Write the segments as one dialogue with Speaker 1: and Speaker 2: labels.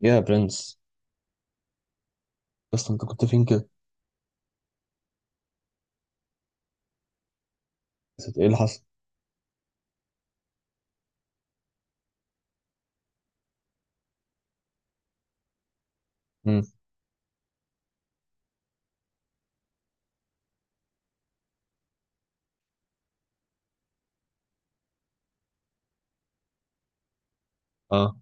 Speaker 1: يا برنس. بس انت كنت فين كده؟ نسيت ايه اللي حصل؟ امم. اه.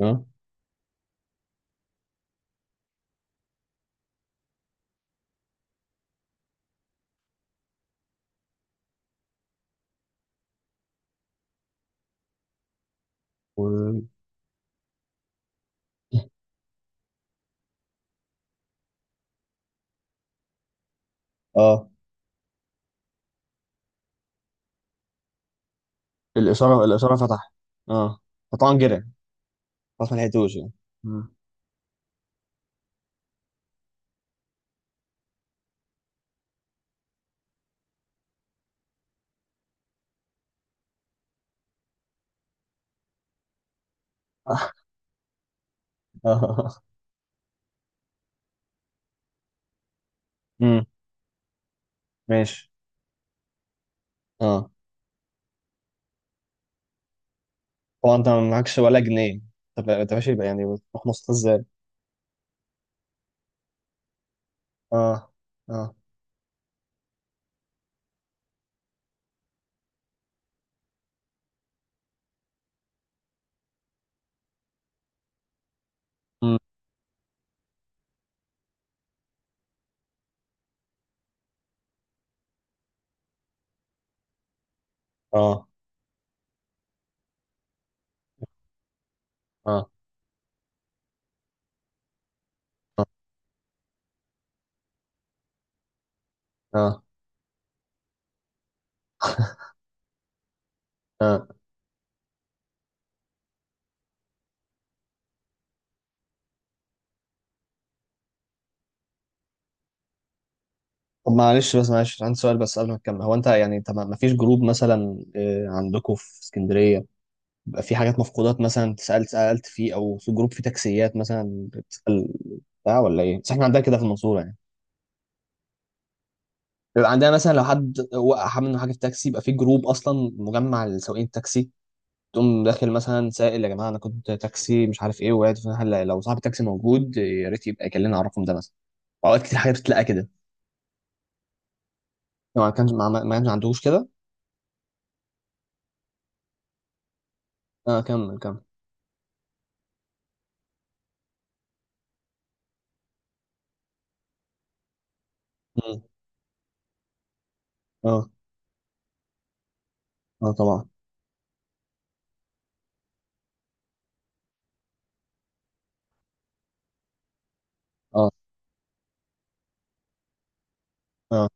Speaker 1: اه. و... اه. الاشاره فتح. اه. فطبعا جري. خلاص ما لحقتوش يعني. امم. اه. امم. ماشي. اه طبعا. انت معكش ولا جنيه؟ طب انت ماشي يبقى يعني بتروح مصر ازاي؟ اه. اه. امم. اه. اه. اه. اه. طب معلش، بس معلش عندي سؤال بس قبل ما تكمل. هو انت يعني انت ما فيش جروب مثلا، عندكم في اسكندريه؟ بيبقى في حاجات مفقودات مثلا، سألت فيه، او في جروب فيه تكسيات مثلا بتسأل بتاع، ولا ايه؟ بس احنا عندنا كده في المنصورة يعني. بيبقى عندنا مثلا لو حد وقع منه حاجة في تاكسي يبقى في جروب اصلا مجمع لسواقين التاكسي. تقوم داخل مثلا سائل، يا جماعة انا كنت تاكسي مش عارف ايه، وقعت فين؟ هل لو صاحب التاكسي موجود يا ريت يبقى يكلمنا على الرقم ده مثلا. اوقات كتير حاجة بتتلقى كده. لو ما كانش ما كانش عندوش كده. اه كمل كمل. مم. اه. اه طبعا. اه. اه.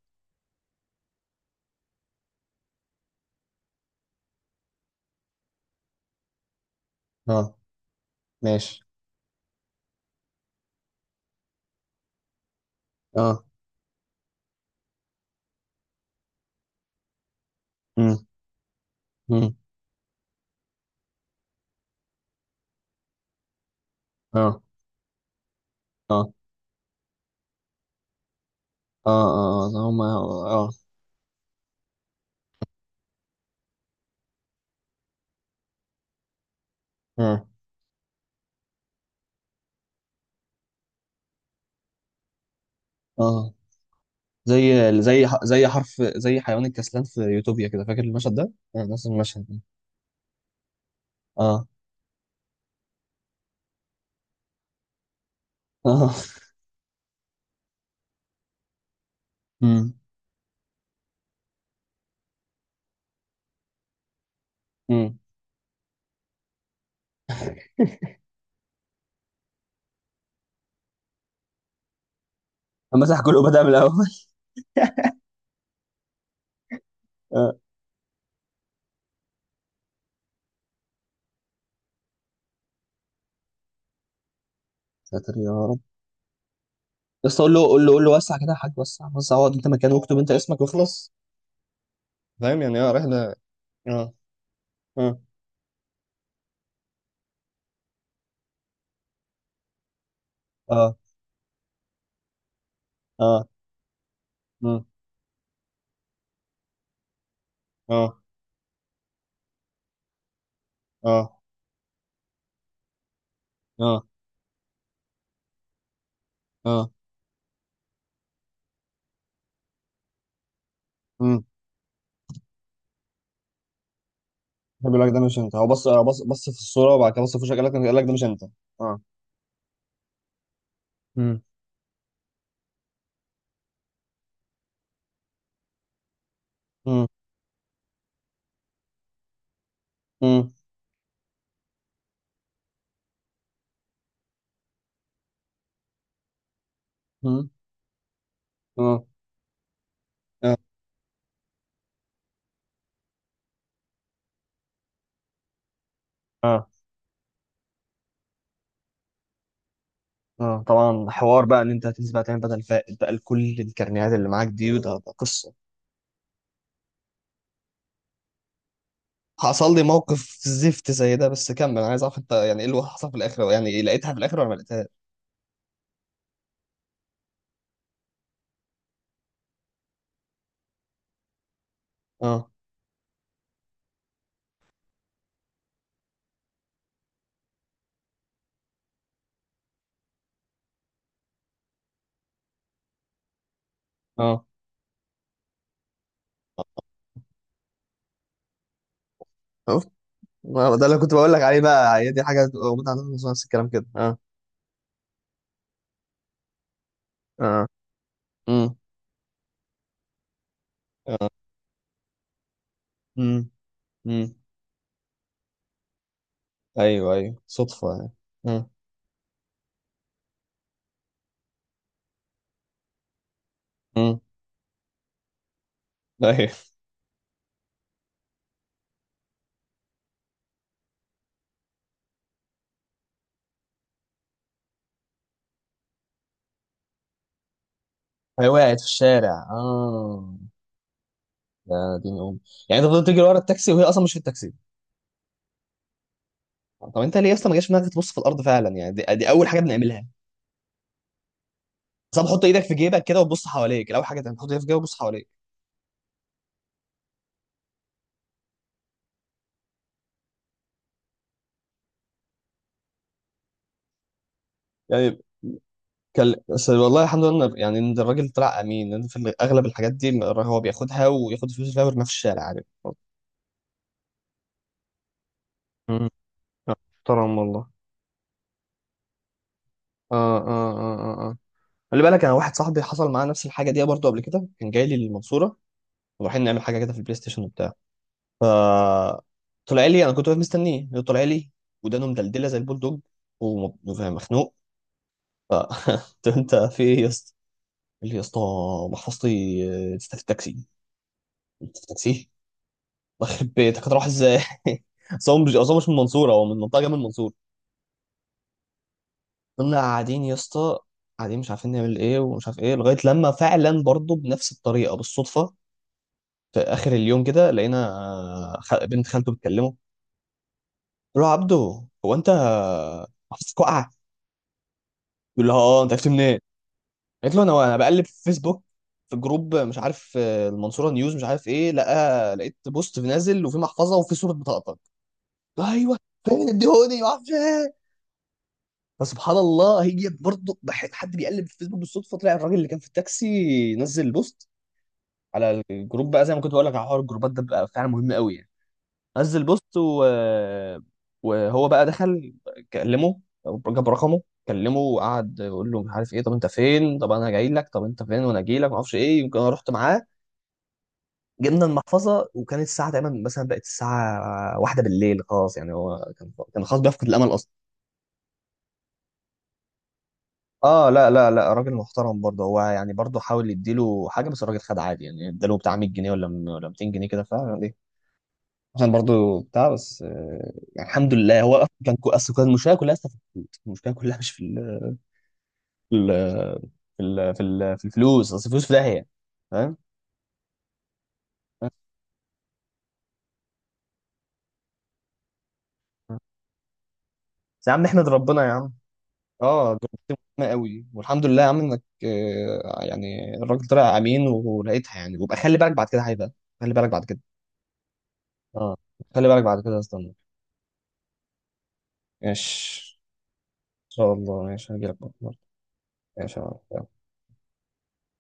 Speaker 1: اه. ماشي. اه. مم. مم. اه. اه. اه. اه. اه هما. اه. اه. اه. آه. زي زي زي حيوان الكسلان في يوتوبيا كده، فاكر المشهد ده؟ نفس المشهد ده. اه. اه. امم. امم. مسح كله، بدأ من الأول. اه. ساتر يا رب. بس قول له قول له قول له، وسع كده يا حاج، وسع وسع، اقعد انت مكانه واكتب انت اسمك واخلص. فاهم يعني، اه، رحلة. اه. اه. اه. اه. مم. اه. اه. اه. اه. امم. بيقول لك ده مش انت؟ هو بص بص بص في الصورة وبعد كده بص في وشك، قال لك ده مش انت. اه. امم. مم. مم. اه. اه. اه. آه. طبعا، حوار بقى ان انت هتنزل بقى تعمل بدل فائت بقى لكل الكرنيهات اللي معاك دي، وده قصه. حصل لي موقف زفت زي ده، بس كمل، انا عايز اعرف انت يعني ايه اللي حصل في الاخر، يعني لقيتها في الاخر ولا ما لقيتهاش؟ اه. اه. شفت؟ ده اللي كنت بقول لك عليه بقى، هي دي حاجه بتبقى موجوده عندنا في مصر، نفس الكلام كده. اه. اه. امم. اه. امم. امم. ايوه ايوه، صدفه يعني. امم. امم. ايوه. هي وقعت في الشارع، اه. يا دين ام. يعني انت فضلت تجري ورا التاكسي وهي اصلا مش في التاكسي؟ طب انت ليه اصلا ما جاش في دماغك تبص في الارض فعلا؟ يعني دي، دي اول حاجه بنعملها، بس بحط ايدك في جيبك كده وتبص حواليك. الاول حاجه تعمل، تحط ايدك في جيبك وتبص حواليك. يعني كان بس، والله الحمد لله يعني ان الراجل طلع امين، لان في اغلب الحاجات دي هو بياخدها وياخد فلوس فيها ويرميها في الشارع، عارف. مم. محترم والله. اه. اه. اه. اه. اه. خلي بالك، انا واحد صاحبي حصل معاه نفس الحاجه دي برضه قبل كده. كان جاي لي المنصوره ورايحين نعمل حاجه كده في البلاي ستيشن وبتاع. ف، طلع لي، انا كنت واقف مستنيه، هو طلع لي ودانه مدلدله زي البول دوج، ومخنوق. ف قلت له، انت في ايه يا اسطى؟ قال لي يا اسطى، محفظتي لسه في التاكسي. قلت في التاكسي؟ يخرب بيتك، هتروح ازاي؟ اصل هو مش، من المنصوره، هو من منطقه جنب المنصوره. فضلنا قاعدين يا اسطى، قاعدين مش عارفين نعمل ايه ومش عارف ايه، لغايه لما فعلا برضه بنفس الطريقه بالصدفه في اخر اليوم كده لقينا. بنت خالته بتكلمه، قلت له، يا عبده، هو انت محفظتك واقعه؟ يقول لها، اه، انت عرفت منين؟ قالت له، انا بقلب في فيسبوك، في جروب مش عارف المنصوره نيوز مش عارف ايه، لقيت بوست نازل، وفي محفظه وفي صوره بطاقتك. ايوه. فين، اديهوني، ما اعرفش ايه؟ فسبحان الله، هي برضه حد بيقلب في فيسبوك بالصدفه، طلع الراجل اللي كان في التاكسي نزل بوست على الجروب بقى. زي ما كنت بقول لك على حوار الجروبات، ده بقى فعلا مهم قوي يعني. نزل بوست وهو بقى دخل، كلمه، جاب رقمه، كلمه وقعد يقول له مش عارف ايه، طب انت فين؟ طب انا جاي لك، طب انت فين وانا جاي لك، ما اعرفش ايه. يمكن انا رحت معاه جبنا المحفظه، وكانت الساعه تقريبا مثلا بقت الساعه واحدة بالليل، خلاص يعني هو كان خلاص بيفقد الامل اصلا. اه. لا لا لا، راجل محترم برضه هو يعني. برضه حاول يديله حاجه بس الراجل خد عادي، يعني اداله بتاع 100 جنيه ولا 200 جنيه كده، فاهم؟ عشان برضو بتاع، بس يعني الحمد لله، هو اصلا اصل كان المشكله كلها أصلا في الفلوس، المشكله كلها مش في ال في الفلوس، اصل الفلوس في داهيه، فاهم. بس يا عم احمد، ربنا يا عم. اه، جربت مهمه قوي، والحمد لله يا عم انك يعني الراجل طلع امين ولقيتها يعني. وبقى خلي بالك بعد كده هيبقى، خلي بالك بعد كده. اه خلي بالك بعد كده، استنى. ماشي، ان شاء الله ماشي هجيلك برضه. ماشي يا عم.